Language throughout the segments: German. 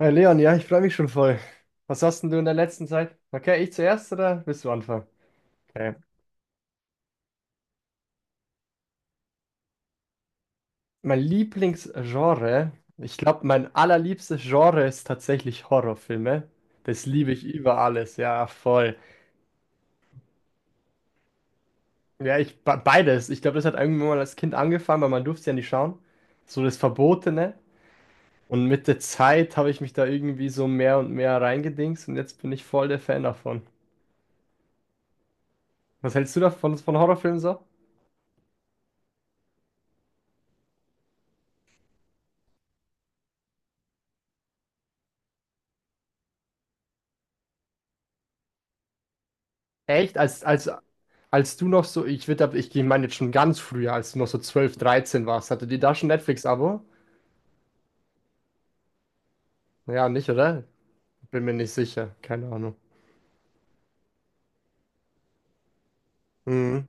Hi Leon, ja, ich freue mich schon voll. Was hast denn du in der letzten Zeit? Okay, ich zuerst oder willst du anfangen? Okay. Mein Lieblingsgenre, ich glaube, mein allerliebstes Genre ist tatsächlich Horrorfilme. Das liebe ich über alles, ja, voll. Ja, ich beides. Ich glaube, das hat irgendwann mal als Kind angefangen, weil man durfte ja nicht schauen. So das Verbotene. Und mit der Zeit habe ich mich da irgendwie so mehr und mehr reingedingst und jetzt bin ich voll der Fan davon. Was hältst du davon von Horrorfilmen so? Echt? Als du noch so, ich meine jetzt schon ganz früher, als du noch so 12 13 warst, hatte die da schon Netflix-Abo? Ja, nicht, oder? Bin mir nicht sicher. Keine Ahnung. Mhm.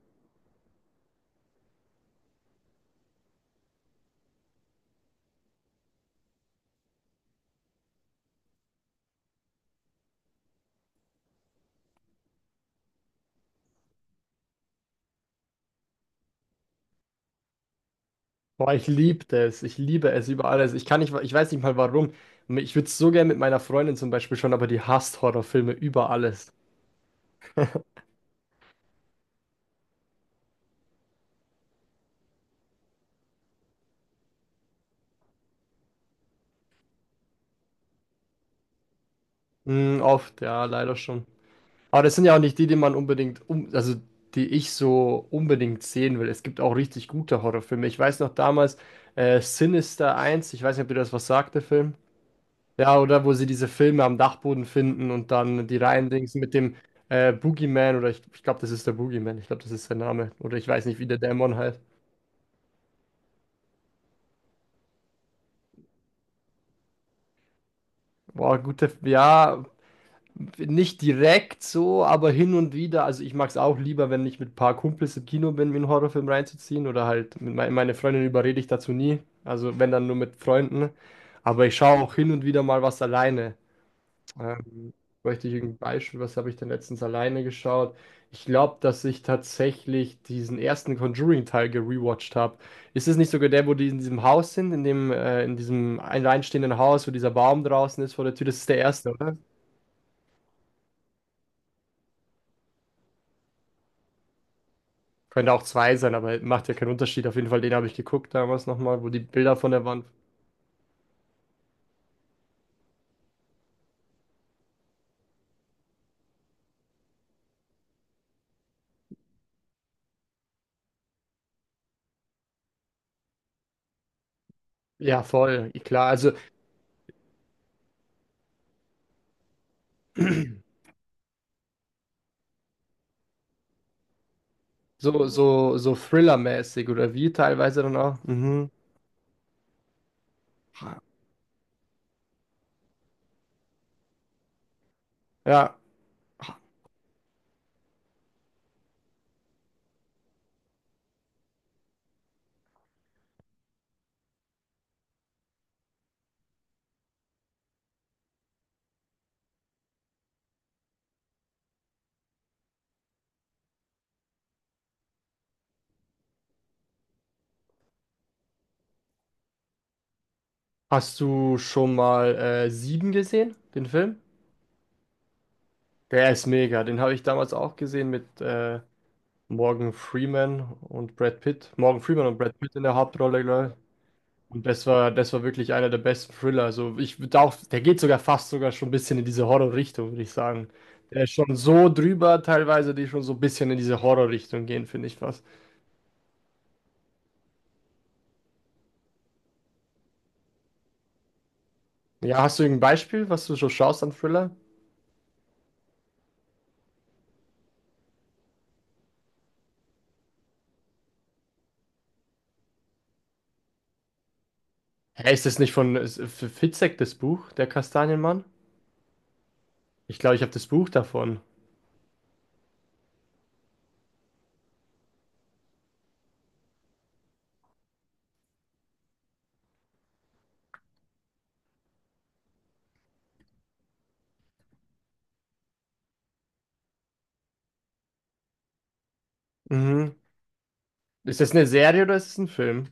Boah, ich liebte es. Ich liebe es über alles. Ich kann nicht, ich weiß nicht mal warum. Ich würde es so gerne mit meiner Freundin zum Beispiel schon, aber die hasst Horrorfilme über alles. Mhm, oft, ja, leider schon. Aber das sind ja auch nicht die, die man unbedingt um, also die ich so unbedingt sehen will. Es gibt auch richtig gute Horrorfilme. Ich weiß noch damals Sinister eins. Ich weiß nicht, ob dir das was sagt, der Film. Ja, oder wo sie diese Filme am Dachboden finden und dann die reindingsen mit dem Boogeyman oder ich glaube, das ist der Boogeyman, ich glaube, das ist der Name. Oder ich weiß nicht, wie der Dämon heißt. Boah, gute, ja, nicht direkt so, aber hin und wieder. Also ich mag es auch lieber, wenn ich mit ein paar Kumpels im Kino bin, mir einen Horrorfilm reinzuziehen. Oder halt mit meine Freundin überrede ich dazu nie. Also wenn dann nur mit Freunden. Aber ich schaue auch hin und wieder mal was alleine. Ähm, möchte ich irgendein Beispiel, was habe ich denn letztens alleine geschaut? Ich glaube, dass ich tatsächlich diesen ersten Conjuring-Teil gerewatcht habe. Ist es nicht sogar der, wo die in diesem Haus sind, in diesem alleinstehenden Haus, wo dieser Baum draußen ist vor der Tür? Das ist der erste, oder? Könnte auch zwei sein, aber macht ja keinen Unterschied. Auf jeden Fall, den habe ich geguckt damals nochmal, wo die Bilder von der Wand. Ja, voll, klar. Also so Thriller-mäßig oder wie teilweise dann auch. Mhm. Ja. Hast du schon mal Sieben gesehen, den Film? Der ist mega. Den habe ich damals auch gesehen mit Morgan Freeman und Brad Pitt. Morgan Freeman und Brad Pitt in der Hauptrolle, glaube. Und das war wirklich einer der besten Thriller. Also der geht sogar fast sogar schon ein bisschen in diese Horror-Richtung, würde ich sagen. Der ist schon so drüber teilweise, die schon so ein bisschen in diese Horror-Richtung gehen, finde ich fast. Ja, hast du irgendein Beispiel, was du so schaust an Thriller? Hä, ist das nicht von Fitzek, das Buch, Der Kastanienmann? Ich glaube, ich habe das Buch davon. Mhm. Ist das eine Serie oder ist es ein Film?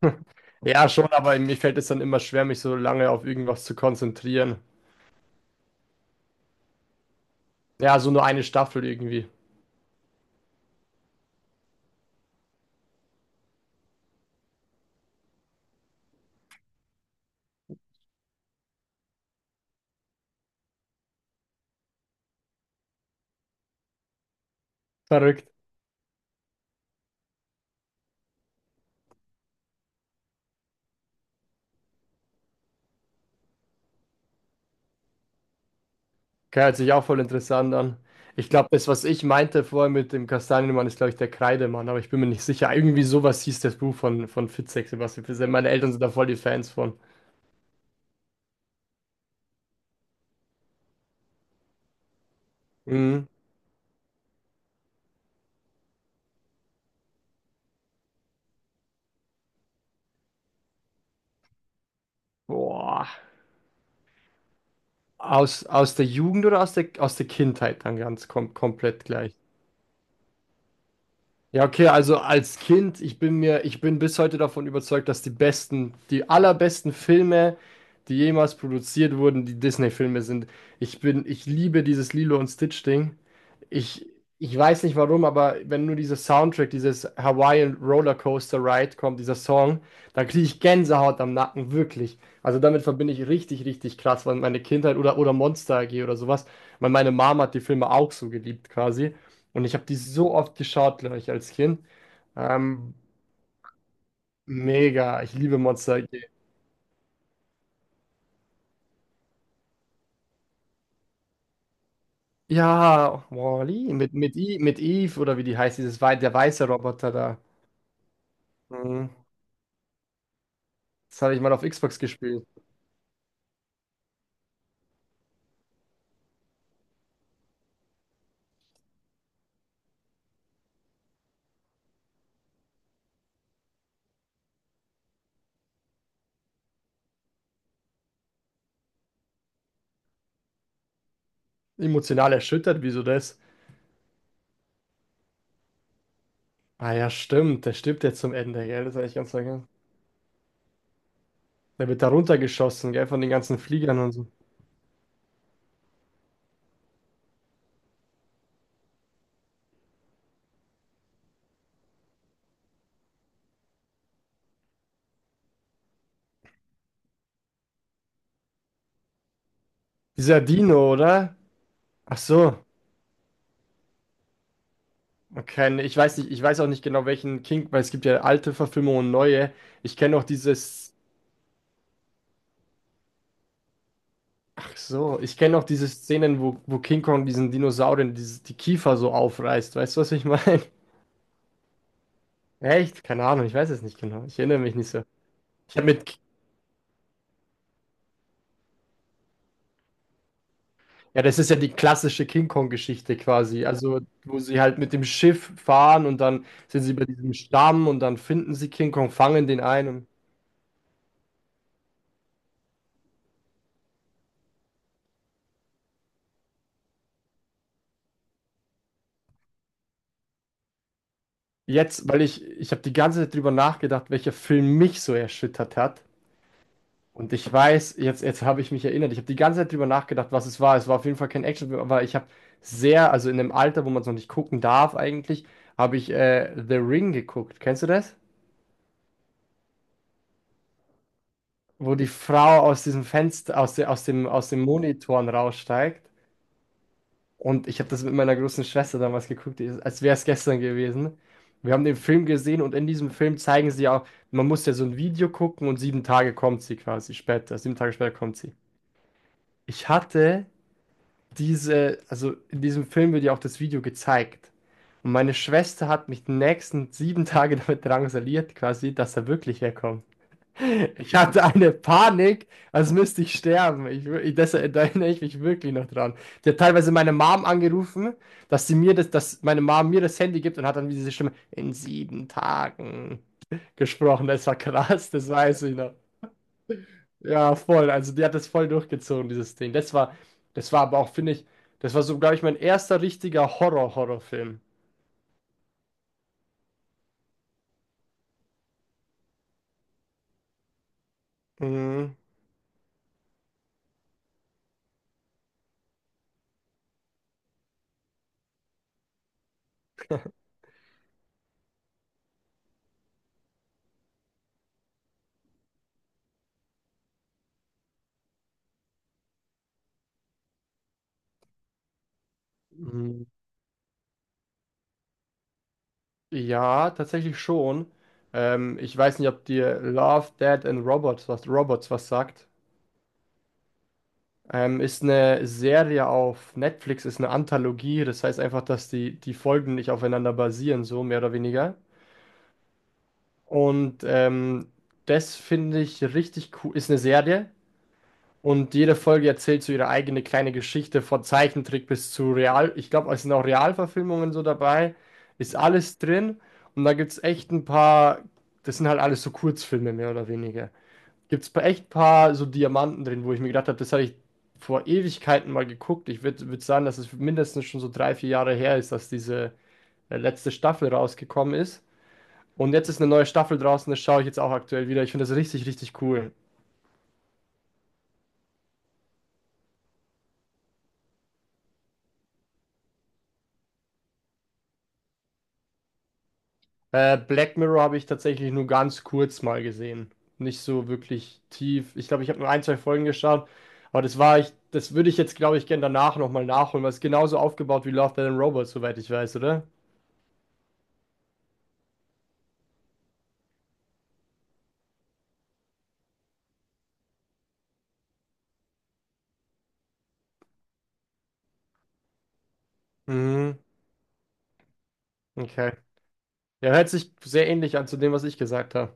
Ja, schon, aber mir fällt es dann immer schwer, mich so lange auf irgendwas zu konzentrieren. Ja, so nur eine Staffel irgendwie. Verrückt. Okay, hört sich auch voll interessant an. Ich glaube, das, was ich meinte vorher mit dem Kastanienmann, ist, glaube ich, der Kreidemann, aber ich bin mir nicht sicher. Irgendwie sowas hieß das Buch von Fitzek, Sebastian Fitzek. Meine Eltern sind da voll die Fans von. Mhm. Boah. Aus der Jugend oder aus der Kindheit dann ganz komplett gleich? Ja, okay, also als Kind, ich bin bis heute davon überzeugt, dass die besten, die allerbesten Filme, die jemals produziert wurden, die Disney-Filme sind. Ich liebe dieses Lilo und Stitch-Ding. Ich, ich weiß nicht warum, aber wenn nur dieser Soundtrack, dieses Hawaiian Rollercoaster Ride kommt, dieser Song, dann kriege ich Gänsehaut am Nacken, wirklich. Also damit verbinde ich richtig, richtig krass, weil meine Kindheit oder Monster AG oder sowas, weil meine Mama hat die Filme auch so geliebt quasi. Und ich habe die so oft geschaut, glaube ich, als Kind. Ähm, mega, ich liebe Monster AG. Ja, Wall-E, mit Eve oder wie die heißt, der weiße Roboter da. Mhm. Das habe ich mal auf Xbox gespielt. Emotional erschüttert, wieso das? Ah ja, stimmt, der stirbt ja zum Ende, gell? Das habe ich ganz vergessen. Der wird da runtergeschossen, gell, von den ganzen Fliegern und so. Dieser Dino, oder? Ach so, okay, nee, ich weiß nicht, ich weiß auch nicht genau welchen King, weil es gibt ja alte Verfilmungen und neue. Ich kenne auch dieses Ach so, ich kenne auch diese Szenen, wo King Kong diesen Dinosauriern die Kiefer so aufreißt. Weißt du, was ich meine? Echt? Keine Ahnung, ich weiß es nicht genau. Ich erinnere mich nicht so. Ich habe mit. Ja, das ist ja die klassische King Kong-Geschichte quasi. Also, wo sie halt mit dem Schiff fahren und dann sind sie bei diesem Stamm und dann finden sie King Kong, fangen den ein. Und jetzt, weil ich habe die ganze Zeit drüber nachgedacht, welcher Film mich so erschüttert hat. Und ich weiß, jetzt habe ich mich erinnert, ich habe die ganze Zeit drüber nachgedacht, was es war. Es war auf jeden Fall kein Actionfilm, aber also in einem Alter, wo man es noch nicht gucken darf eigentlich, habe ich The Ring geguckt. Kennst du das? Wo die Frau aus diesem Fenster, aus dem Monitoren raussteigt. Und ich habe das mit meiner großen Schwester damals geguckt, als wäre es gestern gewesen. Wir haben den Film gesehen und in diesem Film zeigen sie auch, man muss ja so ein Video gucken und sieben Tage kommt sie quasi später, sieben Tage später kommt sie. Ich hatte also in diesem Film wird ja auch das Video gezeigt. Und meine Schwester hat mich die nächsten sieben Tage damit drangsaliert, quasi, dass er wirklich herkommt. Ich hatte eine Panik, als müsste ich sterben. Ich, wür- ich, das, da erinnere ich mich wirklich noch dran. Die hat teilweise meine Mom angerufen, dass meine Mom mir das Handy gibt und hat dann diese Stimme in sieben Tagen gesprochen. Das war krass, das weiß ich noch. Ja, voll. Also die hat das voll durchgezogen, dieses Ding. Das war aber auch, finde ich, das war so, glaube ich, mein erster richtiger Horror-Horrorfilm. Mhm. Mhm. Ja, tatsächlich schon. Ich weiß nicht, ob dir Love, Dead and Robots was sagt. Ist eine Serie auf Netflix, ist eine Anthologie. Das heißt einfach, dass die Folgen nicht aufeinander basieren, so mehr oder weniger. Und das finde ich richtig cool. Ist eine Serie. Und jede Folge erzählt so ihre eigene kleine Geschichte, von Zeichentrick bis zu Real. Ich glaube, es sind auch Realverfilmungen so dabei. Ist alles drin. Und da gibt es echt ein paar, das sind halt alles so Kurzfilme mehr oder weniger. Gibt es echt ein paar so Diamanten drin, wo ich mir gedacht habe, das habe ich vor Ewigkeiten mal geguckt. Ich würde würd sagen, dass es mindestens schon so drei, vier Jahre her ist, dass diese letzte Staffel rausgekommen ist. Und jetzt ist eine neue Staffel draußen, das schaue ich jetzt auch aktuell wieder. Ich finde das richtig, richtig cool. Black Mirror habe ich tatsächlich nur ganz kurz mal gesehen. Nicht so wirklich tief. Ich glaube, ich habe nur ein, zwei Folgen geschaut. Aber Das würde ich jetzt, glaube ich, gerne danach nochmal nachholen, weil es genauso aufgebaut wie Love, Death and Robots, soweit ich weiß, oder? Mhm. Okay. Ja, hört sich sehr ähnlich an zu dem, was ich gesagt habe.